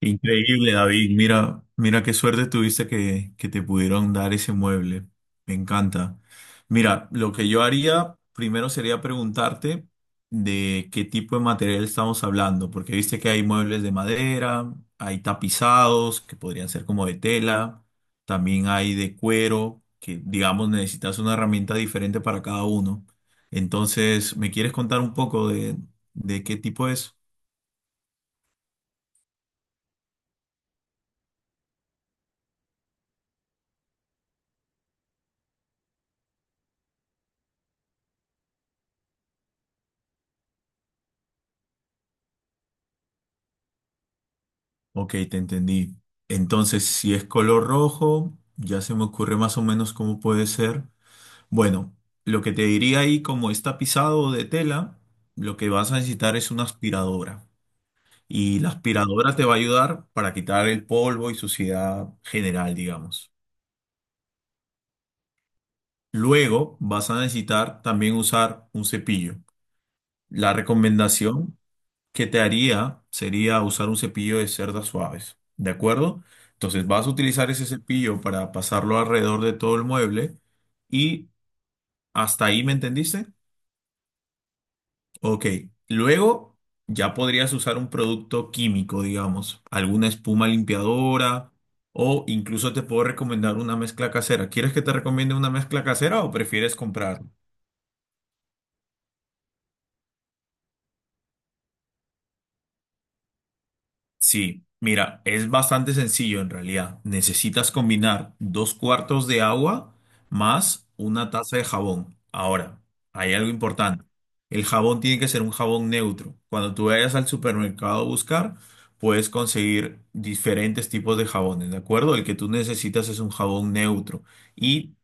Increíble, David. Mira, mira qué suerte tuviste que te pudieron dar ese mueble. Me encanta. Mira, lo que yo haría primero sería preguntarte de qué tipo de material estamos hablando, porque viste que hay muebles de madera, hay tapizados que podrían ser como de tela, también hay de cuero, que digamos necesitas una herramienta diferente para cada uno. Entonces, ¿me quieres contar un poco de qué tipo es? Ok, te entendí. Entonces, si es color rojo, ya se me ocurre más o menos cómo puede ser. Bueno, lo que te diría ahí, como está pisado de tela, lo que vas a necesitar es una aspiradora. Y la aspiradora te va a ayudar para quitar el polvo y suciedad general, digamos. Luego vas a necesitar también usar un cepillo. La recomendación que te haría sería usar un cepillo de cerdas suaves, ¿de acuerdo? Entonces vas a utilizar ese cepillo para pasarlo alrededor de todo el mueble y hasta ahí, ¿me entendiste? Ok, luego ya podrías usar un producto químico, digamos, alguna espuma limpiadora o incluso te puedo recomendar una mezcla casera. ¿Quieres que te recomiende una mezcla casera o prefieres comprar? Sí, mira, es bastante sencillo en realidad. Necesitas combinar dos cuartos de agua más una taza de jabón. Ahora, hay algo importante. El jabón tiene que ser un jabón neutro. Cuando tú vayas al supermercado a buscar, puedes conseguir diferentes tipos de jabones, ¿de acuerdo? El que tú necesitas es un jabón neutro y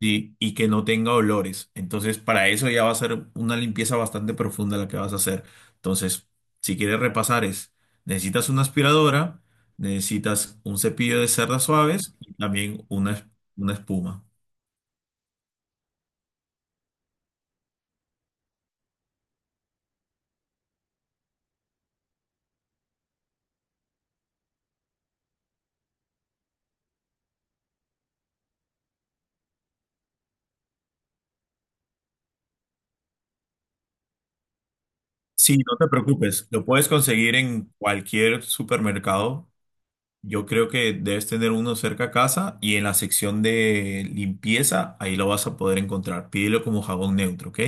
sí, y que no tenga olores. Entonces, para eso ya va a ser una limpieza bastante profunda la que vas a hacer. Entonces, si quieres repasar es, necesitas una aspiradora, necesitas un cepillo de cerdas suaves y también una espuma. Sí, no te preocupes, lo puedes conseguir en cualquier supermercado. Yo creo que debes tener uno cerca a casa y en la sección de limpieza, ahí lo vas a poder encontrar. Pídelo como jabón neutro, ¿ok?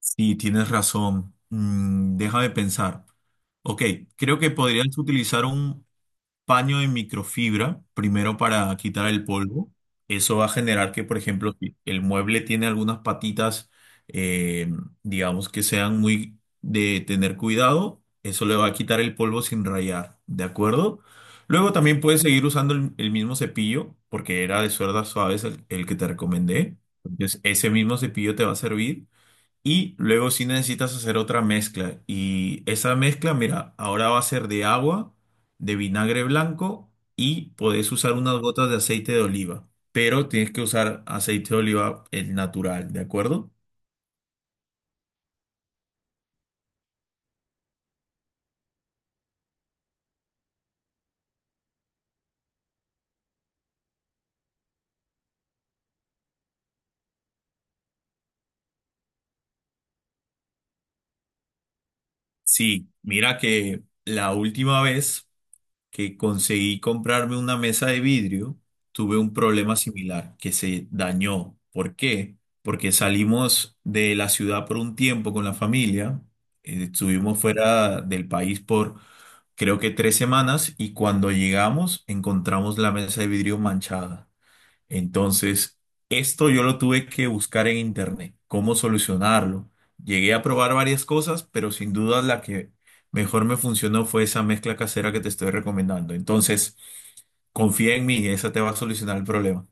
Sí, tienes razón. Déjame pensar. Ok, creo que podrías utilizar un paño de microfibra primero para quitar el polvo. Eso va a generar que, por ejemplo, si el mueble tiene algunas patitas, eh, digamos que sean muy de tener cuidado, eso le va a quitar el polvo sin rayar, ¿de acuerdo? Luego también puedes seguir usando el mismo cepillo, porque era de suerdas suaves el que te recomendé. Entonces, ese mismo cepillo te va a servir. Y luego si necesitas hacer otra mezcla. Y esa mezcla, mira, ahora va a ser de agua, de vinagre blanco y podés usar unas gotas de aceite de oliva. Pero tienes que usar aceite de oliva el natural, ¿de acuerdo? Sí, mira que la última vez que conseguí comprarme una mesa de vidrio, tuve un problema similar, que se dañó. ¿Por qué? Porque salimos de la ciudad por un tiempo con la familia, estuvimos fuera del país por creo que 3 semanas y cuando llegamos encontramos la mesa de vidrio manchada. Entonces, esto yo lo tuve que buscar en internet, cómo solucionarlo. Llegué a probar varias cosas, pero sin duda la que mejor me funcionó fue esa mezcla casera que te estoy recomendando. Entonces, confía en mí, esa te va a solucionar el problema.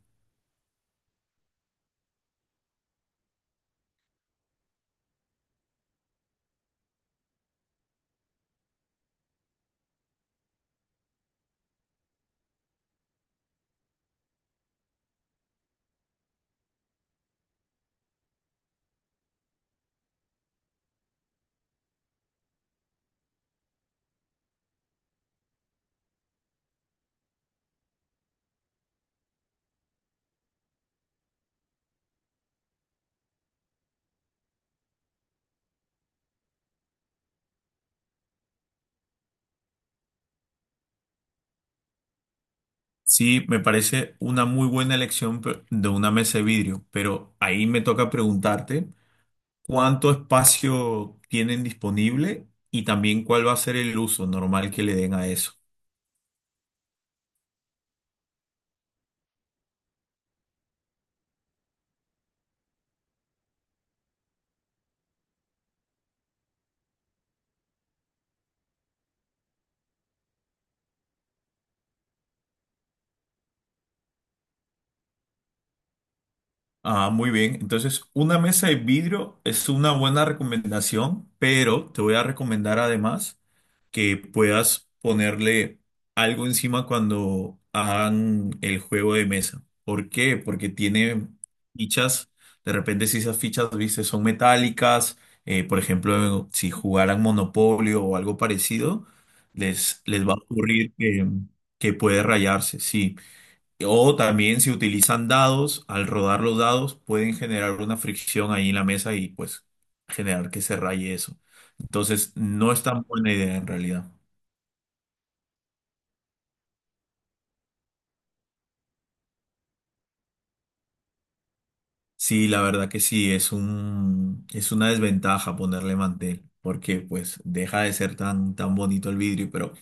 Sí, me parece una muy buena elección de una mesa de vidrio, pero ahí me toca preguntarte cuánto espacio tienen disponible y también cuál va a ser el uso normal que le den a eso. Ah, muy bien. Entonces, una mesa de vidrio es una buena recomendación, pero te voy a recomendar además que puedas ponerle algo encima cuando hagan el juego de mesa. ¿Por qué? Porque tiene fichas. De repente, si esas fichas, viste, son metálicas, por ejemplo, si jugaran Monopolio o algo parecido, les va a ocurrir que puede rayarse, sí. O también si utilizan dados, al rodar los dados pueden generar una fricción ahí en la mesa y pues generar que se raye eso. Entonces, no es tan buena idea en realidad. Sí, la verdad que sí, es un, es una desventaja ponerle mantel, porque pues deja de ser tan, tan bonito el vidrio. Pero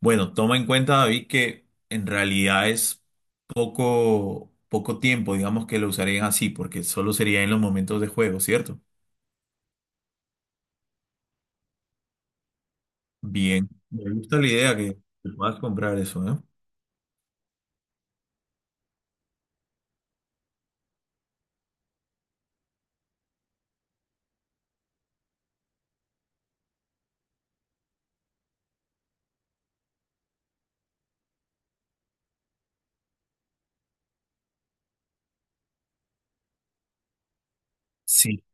bueno, toma en cuenta, David, que en realidad es poco, poco tiempo, digamos, que lo usarían así, porque solo sería en los momentos de juego, ¿cierto? Bien, me gusta la idea que puedas comprar eso, ¿eh? Sí.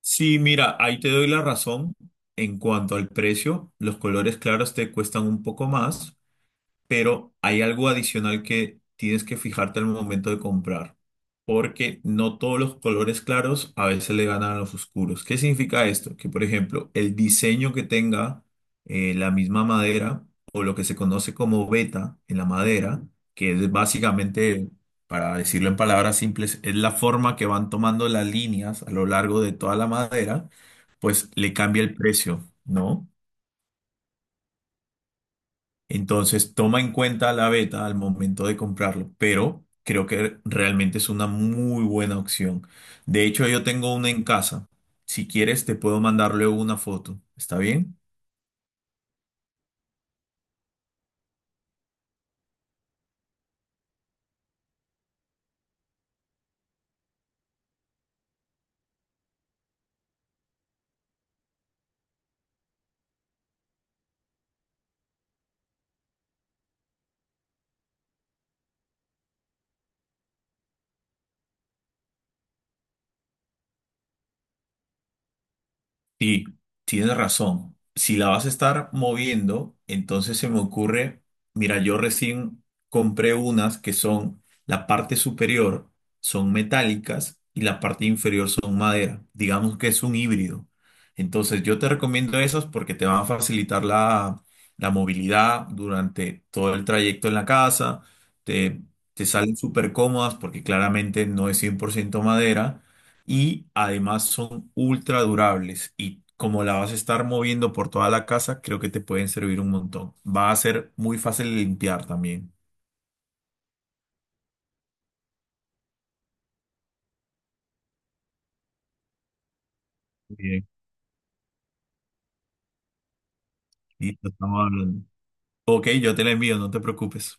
Sí, mira, ahí te doy la razón en cuanto al precio. Los colores claros te cuestan un poco más, pero hay algo adicional que tienes que fijarte al momento de comprar, porque no todos los colores claros a veces le ganan a los oscuros. ¿Qué significa esto? Que, por ejemplo, el diseño que tenga la misma madera o lo que se conoce como veta en la madera, que es básicamente, para decirlo en palabras simples, es la forma que van tomando las líneas a lo largo de toda la madera, pues le cambia el precio, ¿no? Entonces, toma en cuenta la beta al momento de comprarlo, pero creo que realmente es una muy buena opción. De hecho, yo tengo una en casa. Si quieres, te puedo mandarle una foto. ¿Está bien? Sí, tienes razón. Si la vas a estar moviendo, entonces se me ocurre, mira, yo recién compré unas que son, la parte superior son metálicas y la parte inferior son madera. Digamos que es un híbrido. Entonces yo te recomiendo esas porque te van a facilitar la movilidad durante todo el trayecto en la casa. Te, Te salen súper cómodas porque claramente no es 100% madera y además son ultra durables y como la vas a estar moviendo por toda la casa, creo que te pueden servir un montón. Va a ser muy fácil de limpiar también. Bien, listo, estamos hablando. Ok, yo te la envío, no te preocupes.